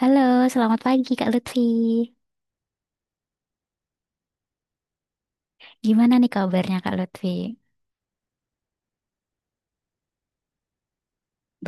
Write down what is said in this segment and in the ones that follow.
Halo, selamat pagi Kak Lutfi. Gimana nih kabarnya Kak Lutfi?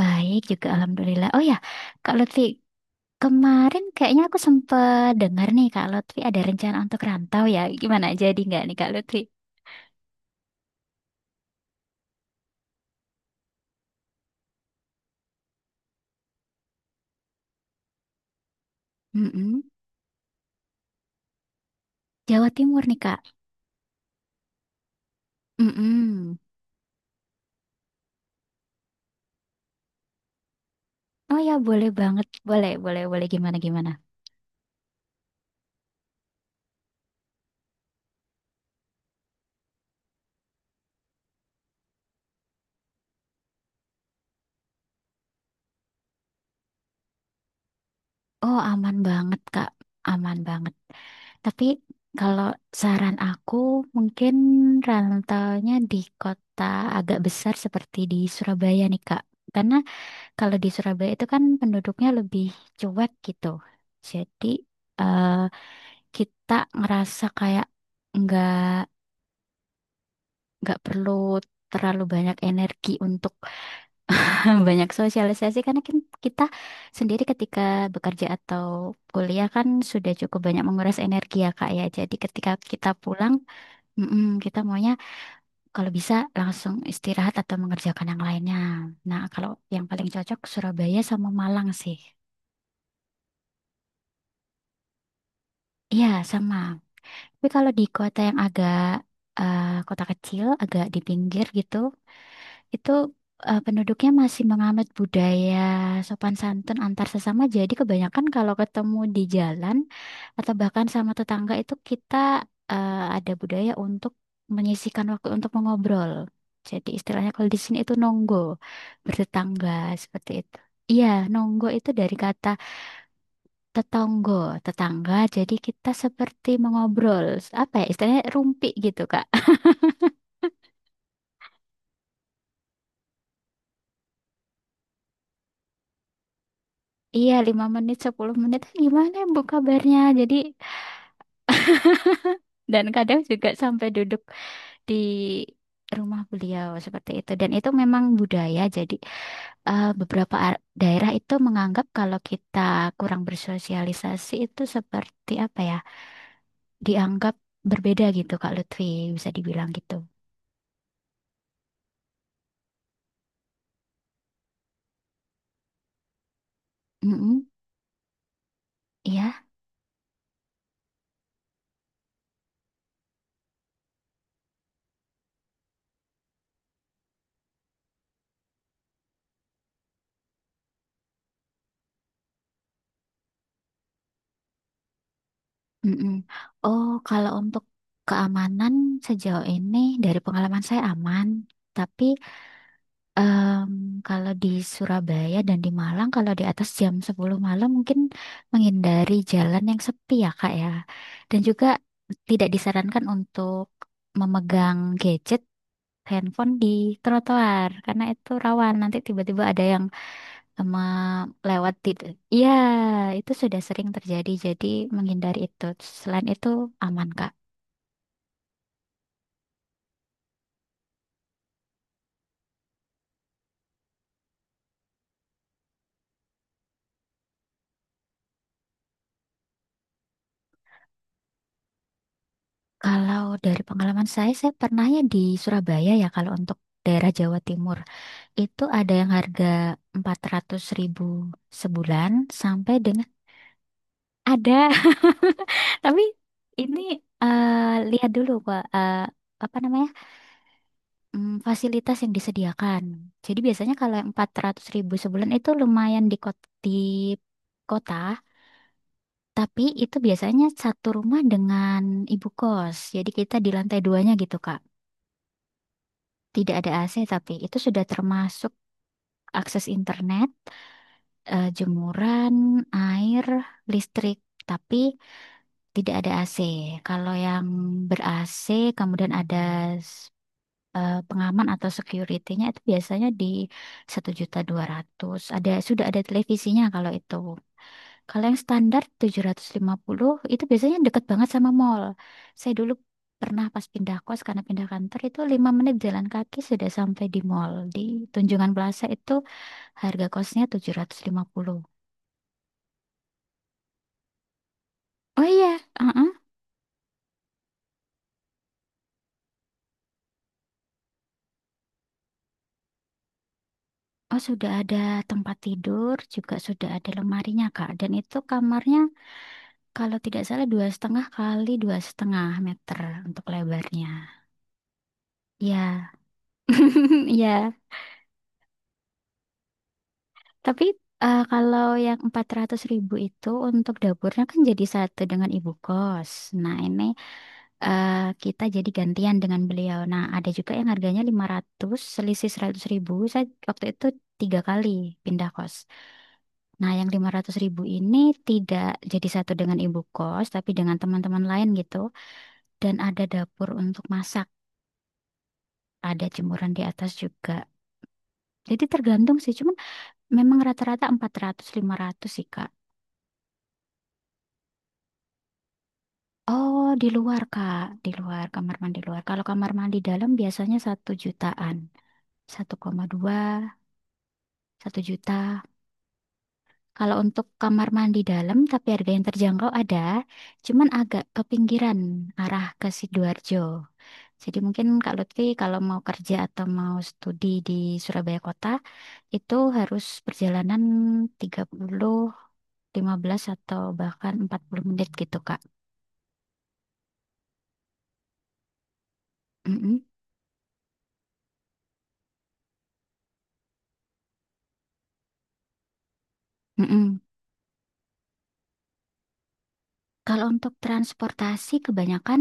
Baik juga Alhamdulillah. Oh ya, Kak Lutfi, kemarin kayaknya aku sempat dengar nih Kak Lutfi ada rencana untuk rantau ya. Gimana jadi nggak nih Kak Lutfi? Mm-mm. Jawa Timur nih Kak. Mm-mm. Oh ya, boleh banget. Boleh, boleh, boleh. Gimana, gimana? Oh, aman banget Kak. Aman banget. Tapi kalau saran aku mungkin rantaunya di kota agak besar seperti di Surabaya nih Kak. Karena kalau di Surabaya itu kan penduduknya lebih cuek gitu. Jadi eh, kita ngerasa kayak nggak nggak perlu terlalu banyak energi untuk banyak sosialisasi karena kan kita sendiri ketika bekerja atau kuliah kan sudah cukup banyak menguras energi ya Kak ya. Jadi ketika kita pulang, mm-mm, kita maunya kalau bisa langsung istirahat atau mengerjakan yang lainnya. Nah, kalau yang paling cocok Surabaya sama Malang sih. Iya, sama. Tapi kalau di kota yang agak eh, kota kecil, agak di pinggir gitu, itu penduduknya masih menganut budaya sopan santun antar sesama. Jadi kebanyakan kalau ketemu di jalan atau bahkan sama tetangga itu kita ada budaya untuk menyisihkan waktu untuk mengobrol. Jadi istilahnya kalau di sini itu nonggo, bertetangga seperti itu. Iya, nonggo itu dari kata tetonggo, tetangga. Jadi kita seperti mengobrol, apa ya istilahnya rumpi gitu, Kak. Iya, 5 menit, 10 menit, "Eh, gimana ya, Bu kabarnya? Jadi, dan kadang juga sampai duduk di rumah beliau seperti itu. Dan itu memang budaya, jadi beberapa daerah itu menganggap kalau kita kurang bersosialisasi itu seperti apa ya, dianggap berbeda gitu, Kak Lutfi, bisa dibilang gitu. Mm-mm. Iya. Mm-mm. Oh, kalau untuk keamanan sejauh ini dari pengalaman saya aman. Tapi em, kalau di Surabaya dan di Malang, kalau di atas jam 10 malam mungkin menghindari jalan yang sepi ya Kak ya. Dan juga tidak disarankan untuk memegang gadget, handphone di trotoar karena itu rawan nanti tiba-tiba ada yang sama lewat di, ya, itu sudah sering terjadi. Jadi menghindari itu. Selain itu aman, Kak. Kalau dari pengalaman saya pernahnya di Surabaya ya kalau untuk daerah Jawa Timur. Itu ada yang harga 400.000 sebulan sampai dengan ada. Tapi ini, lihat dulu Kak, apa namanya? Fasilitas yang disediakan. Jadi biasanya kalau yang 400.000 sebulan itu lumayan di di kota. Tapi itu biasanya satu rumah dengan ibu kos. Jadi kita di lantai duanya gitu, Kak. Tidak ada AC, tapi itu sudah termasuk akses internet, jemuran, air, listrik. Tapi tidak ada AC. Kalau yang ber-AC kemudian ada s- pengaman atau security-nya itu biasanya di 1.200.000. Ada, sudah ada televisinya kalau itu. Kalau yang standar 750 itu biasanya deket banget sama mall. Saya dulu pernah pas pindah kos karena pindah kantor itu 5 menit jalan kaki sudah sampai di mall. Di Tunjungan Plaza itu harga kosnya 750. Oh iya, uh-uh. Oh sudah ada tempat tidur, juga sudah ada lemarinya Kak. Dan itu kamarnya kalau tidak salah 2,5 kali 2,5 meter untuk lebarnya. Ya, ya. Tapi kalau yang empat ratus ribu itu untuk dapurnya kan jadi satu dengan ibu kos. Nah ini eh, kita jadi gantian dengan beliau. Nah ada juga yang harganya lima ratus, selisih 100.000. Saya waktu itu 3 kali pindah kos. Nah yang 500.000 ini tidak jadi satu dengan ibu kos, tapi dengan teman-teman lain gitu. Dan ada dapur untuk masak, ada jemuran di atas juga. Jadi tergantung sih, cuman memang rata-rata 400.000 500.000 sih, Kak. Oh, di luar, Kak. Di luar, kamar mandi luar. Kalau kamar mandi dalam biasanya satu jutaan. 1,2, 1.000.000. Kalau untuk kamar mandi dalam tapi harga yang terjangkau ada, cuman agak ke pinggiran arah ke Sidoarjo. Jadi mungkin Kak Lutfi kalau mau kerja atau mau studi di Surabaya Kota itu harus perjalanan 30, 15 atau bahkan 40 menit gitu, Kak. Mm Kalau untuk transportasi, kebanyakan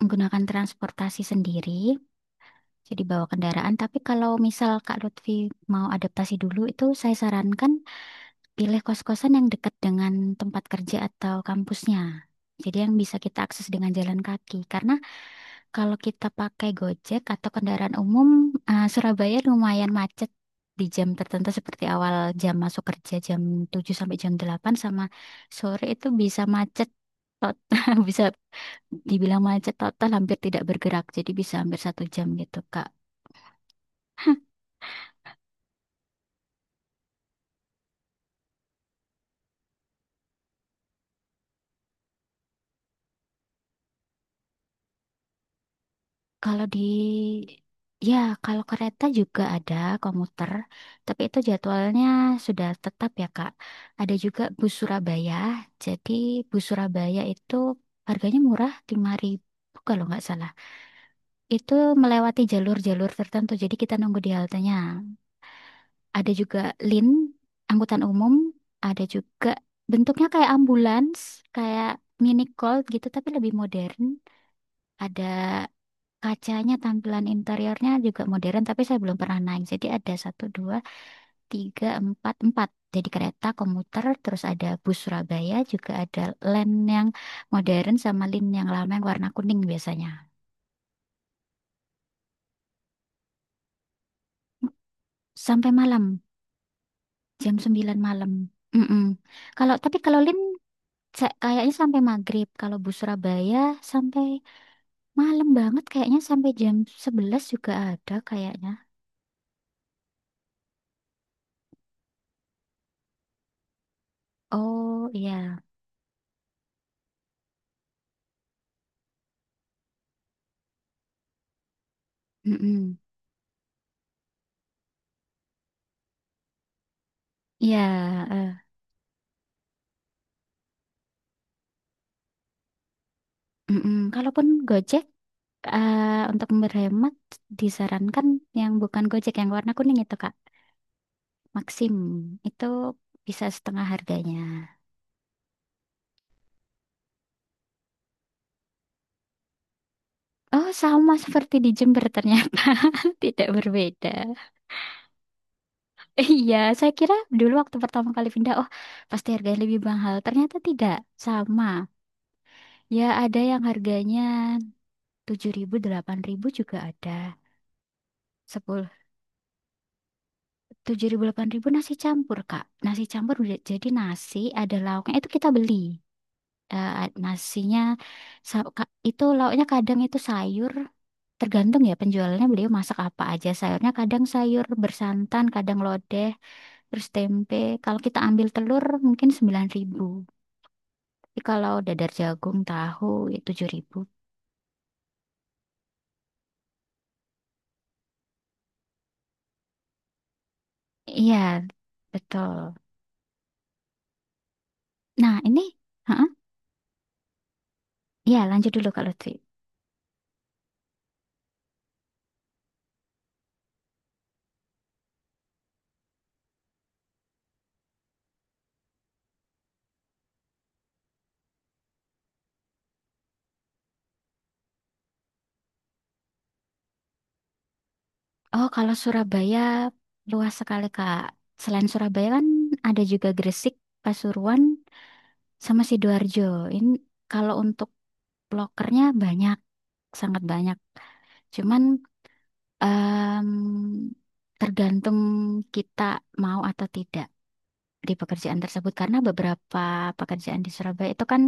menggunakan transportasi sendiri, jadi bawa kendaraan. Tapi kalau misal Kak Lutfi mau adaptasi dulu, itu saya sarankan pilih kos-kosan yang dekat dengan tempat kerja atau kampusnya. Jadi yang bisa kita akses dengan jalan kaki. Karena kalau kita pakai Gojek atau kendaraan umum, Surabaya lumayan macet di jam tertentu seperti awal jam masuk kerja jam 7 sampai jam 8, sama sore itu bisa macet total, bisa dibilang macet total, hampir tidak bergerak. Jadi bisa hampir 1 jam gitu, Kak. Kalau di ya, kalau kereta juga ada komuter, tapi itu jadwalnya sudah tetap ya Kak. Ada juga bus Surabaya. Jadi bus Surabaya itu harganya murah, 5.000 kalau nggak salah. Itu melewati jalur-jalur tertentu. Jadi kita nunggu di haltenya. Ada juga Lin, angkutan umum, ada juga bentuknya kayak ambulans, kayak mini Colt gitu tapi lebih modern. Ada kacanya, tampilan interiornya juga modern, tapi saya belum pernah naik. Jadi ada 1, 2, 3, 4, 4. Jadi kereta komuter, terus ada bus Surabaya, juga ada line yang modern sama line yang lama yang warna kuning biasanya. Sampai malam, jam 9 malam. Mm-mm. Kalau, tapi kalau line kayaknya sampai maghrib. Kalau bus Surabaya sampai malam banget, kayaknya sampai jam 11 juga ada kayaknya. Oh iya. Mm-mm. Iya, eh. Mm-mm. Kalaupun Gojek, untuk berhemat disarankan yang bukan Gojek yang warna kuning itu Kak. Maxim itu bisa setengah harganya. Oh, sama seperti di Jember ternyata. Tidak berbeda. Iya, saya kira dulu waktu pertama kali pindah, oh pasti harganya lebih mahal. Ternyata tidak, sama. Ya ada yang harganya 7.000 8.000 juga ada. 7.000, 8.000 nasi campur, Kak. Nasi campur udah jadi nasi, ada lauknya. Itu kita beli. Eh, nasinya itu lauknya kadang itu sayur. Tergantung ya penjualnya beliau masak apa aja. Sayurnya kadang sayur bersantan, kadang lodeh, terus tempe. Kalau kita ambil telur mungkin 9.000. Tapi kalau dadar jagung, tahu ya 7.000. Iya, betul. Nah, ini, heeh. Iya, lanjut dulu Kak Lutfi. Oh, kalau Surabaya luas sekali, Kak. Selain Surabaya kan ada juga Gresik, Pasuruan, sama Sidoarjo. Ini kalau untuk blokernya banyak, sangat banyak. Cuman em, tergantung kita mau atau tidak di pekerjaan tersebut karena beberapa pekerjaan di Surabaya itu kan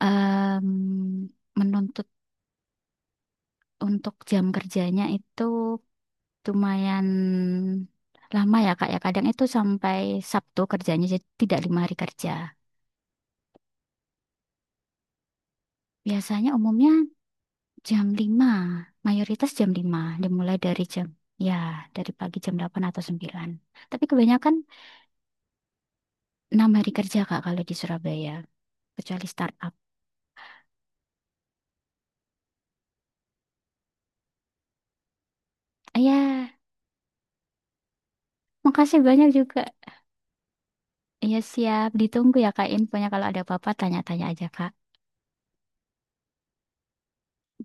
em, menuntut untuk jam kerjanya itu lumayan lama ya Kak ya. Kadang itu sampai Sabtu kerjanya, jadi tidak 5 hari kerja. Biasanya umumnya jam 5, mayoritas jam 5 dimulai dari jam, ya, dari pagi jam 8 atau 9. Tapi kebanyakan 6 hari kerja Kak kalau di Surabaya, kecuali startup. Ah, ya, makasih banyak juga. Ya siap, ditunggu ya Kak infonya kalau ada apa-apa, tanya-tanya aja Kak.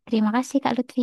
Terima kasih Kak Lutfi.